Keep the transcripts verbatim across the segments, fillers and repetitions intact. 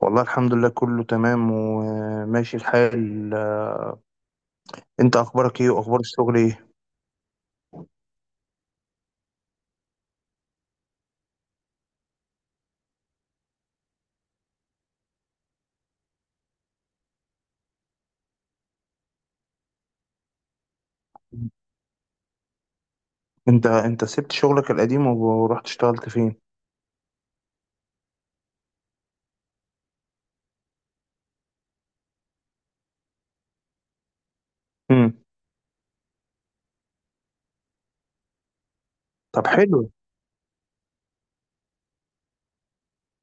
والله الحمد لله كله تمام وماشي الحال. انت اخبارك ايه واخبار الشغل ايه؟ انت انت سبت شغلك القديم ورحت اشتغلت فين؟ امم. طب حلو.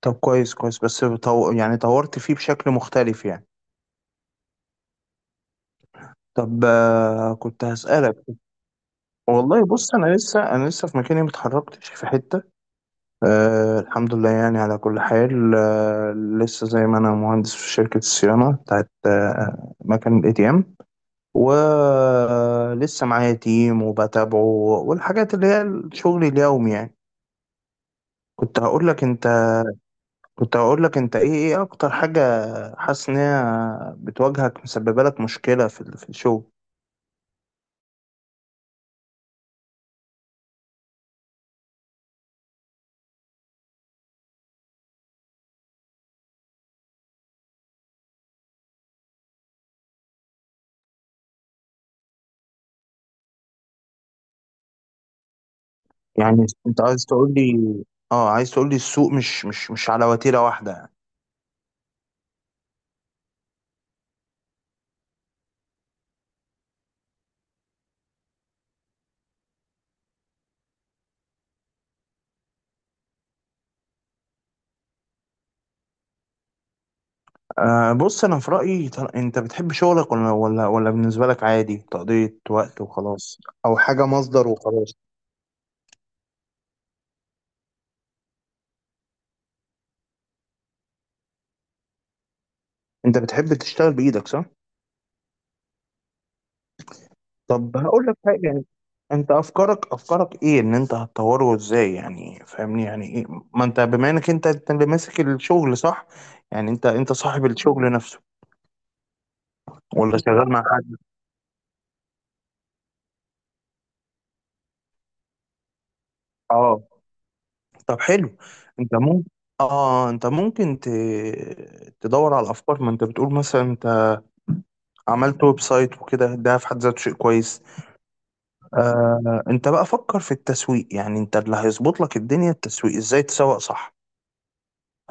طب كويس كويس بس طو... يعني طورت فيه بشكل مختلف يعني. طب آه، كنت هسألك. والله بص أنا لسه أنا لسه في مكاني متحركتش في حتة. أه الحمد لله يعني على كل حال أه لسه زي ما أنا مهندس في شركة الصيانة بتاعت أه مكان الإيه تي إم. ولسه معايا تيم وبتابعه، والحاجات اللي هي الشغل اليومي يعني. كنت هقول لك أنت كنت هقول لك أنت، إيه إيه أكتر حاجة حاسس إن هي بتواجهك مسببة لك مشكلة في ال- في الشغل؟ يعني انت عايز تقول لي، اه عايز تقول لي السوق مش مش مش على وتيرة واحدة يعني؟ آه بص انا في رأيي، طل- انت بتحب شغلك ولا ولا ولا بالنسبة لك عادي تقضية وقت وخلاص؟ او حاجة مصدر وخلاص؟ انت بتحب تشتغل بايدك صح؟ طب هقول لك حاجة يعني، انت افكارك افكارك ايه ان انت هتطوره ازاي؟ يعني فاهمني يعني ايه؟ ما انت بما انك انت انت اللي ماسك الشغل صح؟ يعني انت انت صاحب الشغل نفسه ولا شغال مع حد؟ اه. طب حلو. انت ممكن، اه انت ممكن ت... تدور على افكار. ما انت بتقول مثلا انت عملت ويب سايت وكده، ده في حد ذاته شيء كويس. آه انت بقى فكر في التسويق، يعني انت اللي هيظبط لك الدنيا التسويق، ازاي تسوق صح.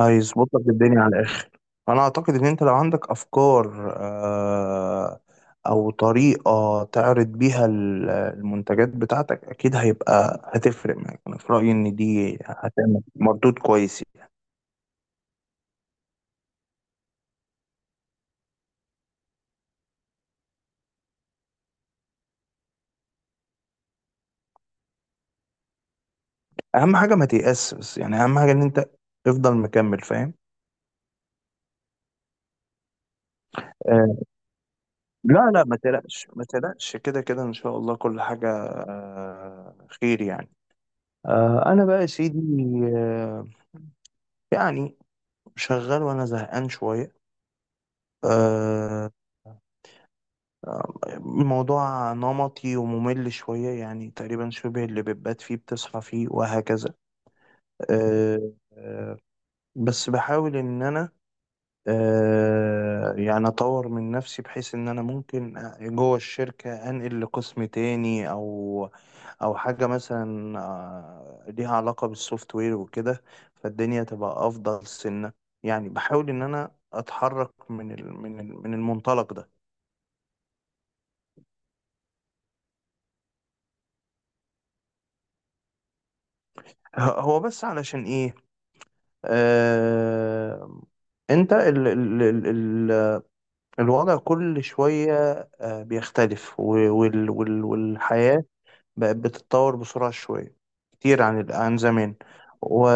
هيظبط لك الدنيا على الاخر. انا اعتقد ان انت لو عندك افكار آه او طريقة تعرض بيها ال- المنتجات بتاعتك، اكيد هيبقى هتفرق معاك، انا في رأيي ان دي هتعمل مردود كويس يعني. اهم حاجه ما تيأس بس يعني، اهم حاجه ان انت تفضل مكمل فاهم. آه. لا لا ما تقلقش ما تقلقش، كده كده ان شاء الله كل حاجه آه خير يعني. آه انا بقى يا سيدي. آه. يعني شغال وانا زهقان شويه. آه. آه، الموضوع نمطي وممل شويه، يعني تقريبا شبه اللي بتبات فيه بتصحى فيه وهكذا. آه، آه. بس بحاول ان انا آه، يعني اطور من نفسي، بحيث ان انا ممكن جوه الشركة انقل لقسم تاني، او او حاجة مثلا آه، ليها علاقة بالسوفت وير وكده، فالدنيا تبقى افضل سنة. يعني بحاول ان انا اتحرك من ال من ال من المنطلق ده. هو بس علشان ايه؟ آه انت ال ال ال ال الوضع كل شوية آه، بيختلف و- وال- وال- والحياة بقت بتتطور بسرعة شوية كتير عن عن زمان. و...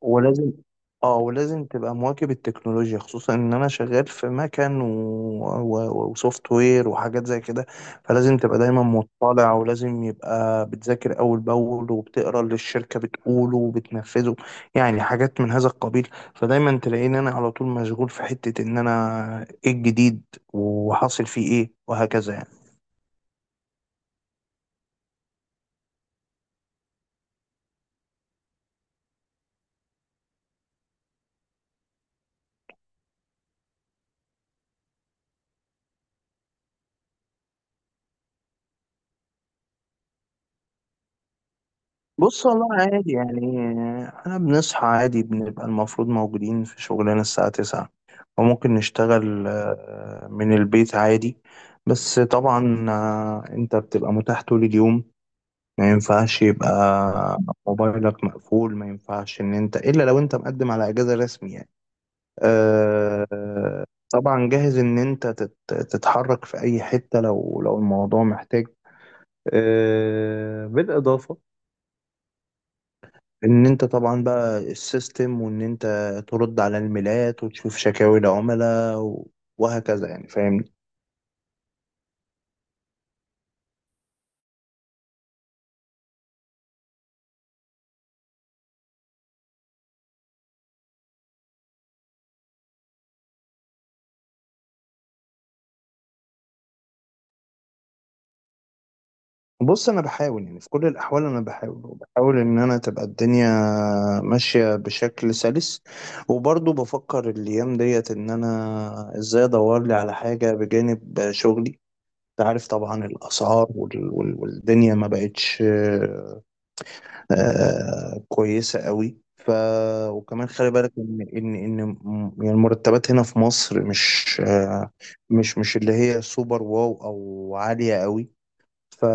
ولازم، اه ولازم تبقى مواكب التكنولوجيا، خصوصا ان انا شغال في مكن و... و... وسوفت وير وحاجات زي كده، فلازم تبقى دايما مطلع، ولازم يبقى بتذاكر اول باول وبتقرا اللي الشركة بتقوله وبتنفذه. يعني حاجات من هذا القبيل. فدايما تلاقيني انا على طول مشغول في حتة ان انا ايه الجديد وحاصل فيه ايه وهكذا يعني. بص والله عادي يعني، احنا بنصحى عادي، بنبقى المفروض موجودين في شغلنا الساعة تسعة، وممكن نشتغل آه، من البيت عادي. بس طبعا آه، انت بتبقى متاح طول اليوم، ما ينفعش يبقى موبايلك مقفول، ما ينفعش ان انت الا لو انت مقدم على اجازة رسمي يعني. آه، طبعا جاهز ان انت تت- تتحرك في اي حتة، لو لو الموضوع محتاج. آه، بالإضافة ان انت طبعا بقى السيستم، وان انت ترد على الميلات وتشوف شكاوي العملاء و- وهكذا يعني فاهمني. بص انا بحاول يعني في كل الاحوال، انا بحاول وبحاول ان انا تبقى الدنيا ماشيه بشكل سلس، وبرضه بفكر الايام ديت ان انا ازاي ادور لي على حاجه بجانب شغلي. انت عارف طبعا الاسعار وال- وال- والدنيا ما بقتش آه كويسة قوي ف وكمان خلي بالك ان ان ان م- يعني المرتبات هنا في مصر مش آه مش مش اللي هي سوبر، واو او عالية قوي. ف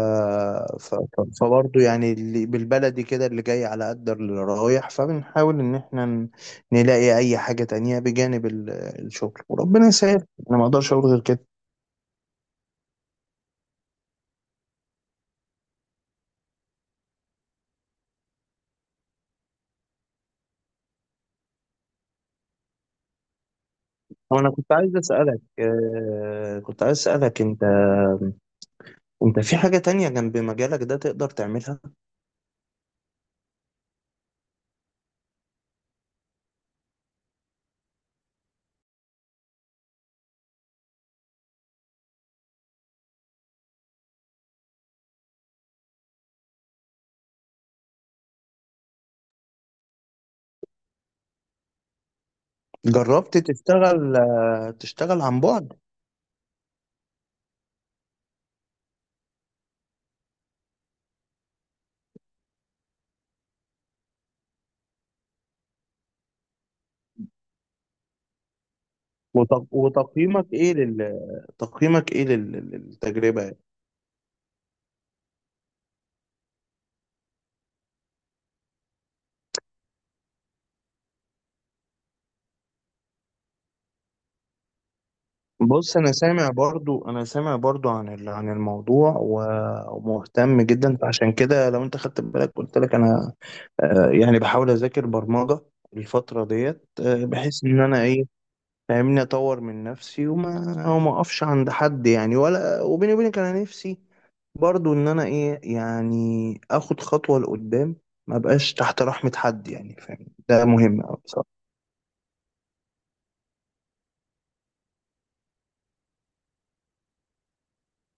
ف فبرضه يعني اللي بالبلدي كده اللي جاي على قد اللي رايح، فبنحاول ان احنا ن- نلاقي اي حاجة تانية بجانب ال- الشغل، وربنا يسهل، انا ما اقدرش اقول غير كده. وانا كنت عايز اسالك آه كنت عايز اسالك، انت انت في حاجة تانية جنب مجالك ده تقدر تعملها؟ جربت تشتغل آه، تشتغل عن بعد؟ وت- وتقييمك ايه لل تقييمك ايه لل- للتجربة يعني؟ بص انا سامع برضو انا سامع برضو عن ال- عن الموضوع و- ومهتم جدا، فعشان كده لو انت خدت بالك قلت لك انا آه، يعني بحاول اذاكر برمجة الفترة ديت، آه، بحيث ان انا ايه فاهمني، اطور من نفسي وما وما اقفش عند حد يعني، ولا وبيني وبينك انا نفسي برضو ان انا ايه يعني اخد خطوة لقدام، ما بقاش تحت رحمة حد يعني فاهم، ده مهم أوي بصراحة.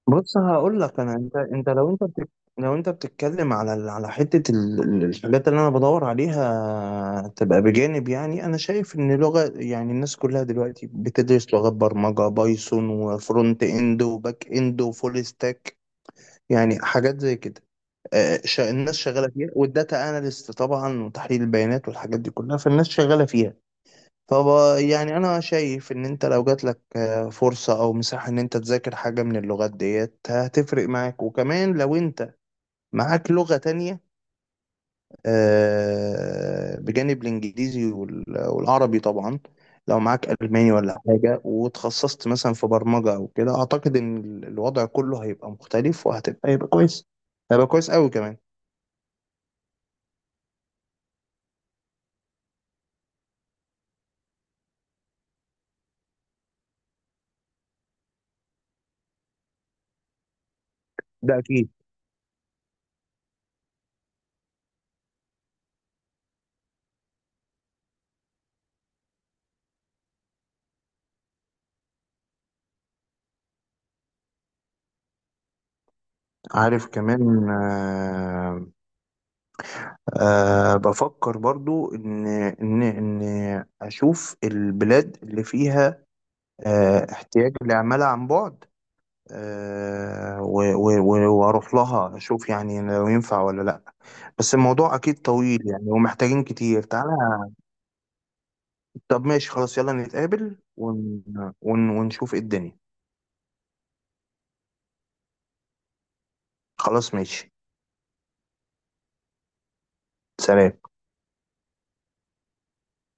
بص هقول لك انا، انت انت لو انت بتك... لو انت بتتكلم على ال- على حتة ال- ال- الحاجات اللي انا بدور عليها تبقى بجانب، يعني انا شايف ان لغة، يعني الناس كلها دلوقتي بتدرس لغات برمجة، بايثون وفرونت اند وباك اند وفول ستاك، يعني حاجات زي كده. آه، شا- الناس شغاله فيها، والداتا اناليست طبعا، وتحليل البيانات والحاجات دي كلها فالناس شغاله فيها. طب آه، يعني انا شايف ان انت لو جات لك آه، فرصه او مساحه ان انت تذاكر حاجه من اللغات ديت، هتفرق معاك. وكمان لو انت معاك لغه تانية آه، بجانب الانجليزي وال- والعربي طبعا، لو معاك الماني ولا حاجه وتخصصت مثلا في برمجه او كده، اعتقد ان الوضع كله هيبقى مختلف، وهتبقى هيبقى كويس، هيبقى كويس قوي كمان. ده اكيد. عارف كمان آه آه بفكر برضو إن إن إن أشوف البلاد اللي فيها آه احتياج لعمالة عن بعد، آه و- و- و- وأروح لها أشوف يعني لو ينفع ولا لأ. بس الموضوع أكيد طويل يعني، ومحتاجين كتير تعالى. طب ماشي خلاص، يلا نتقابل ون ون ونشوف إيه الدنيا. خلاص ماشي. سلام.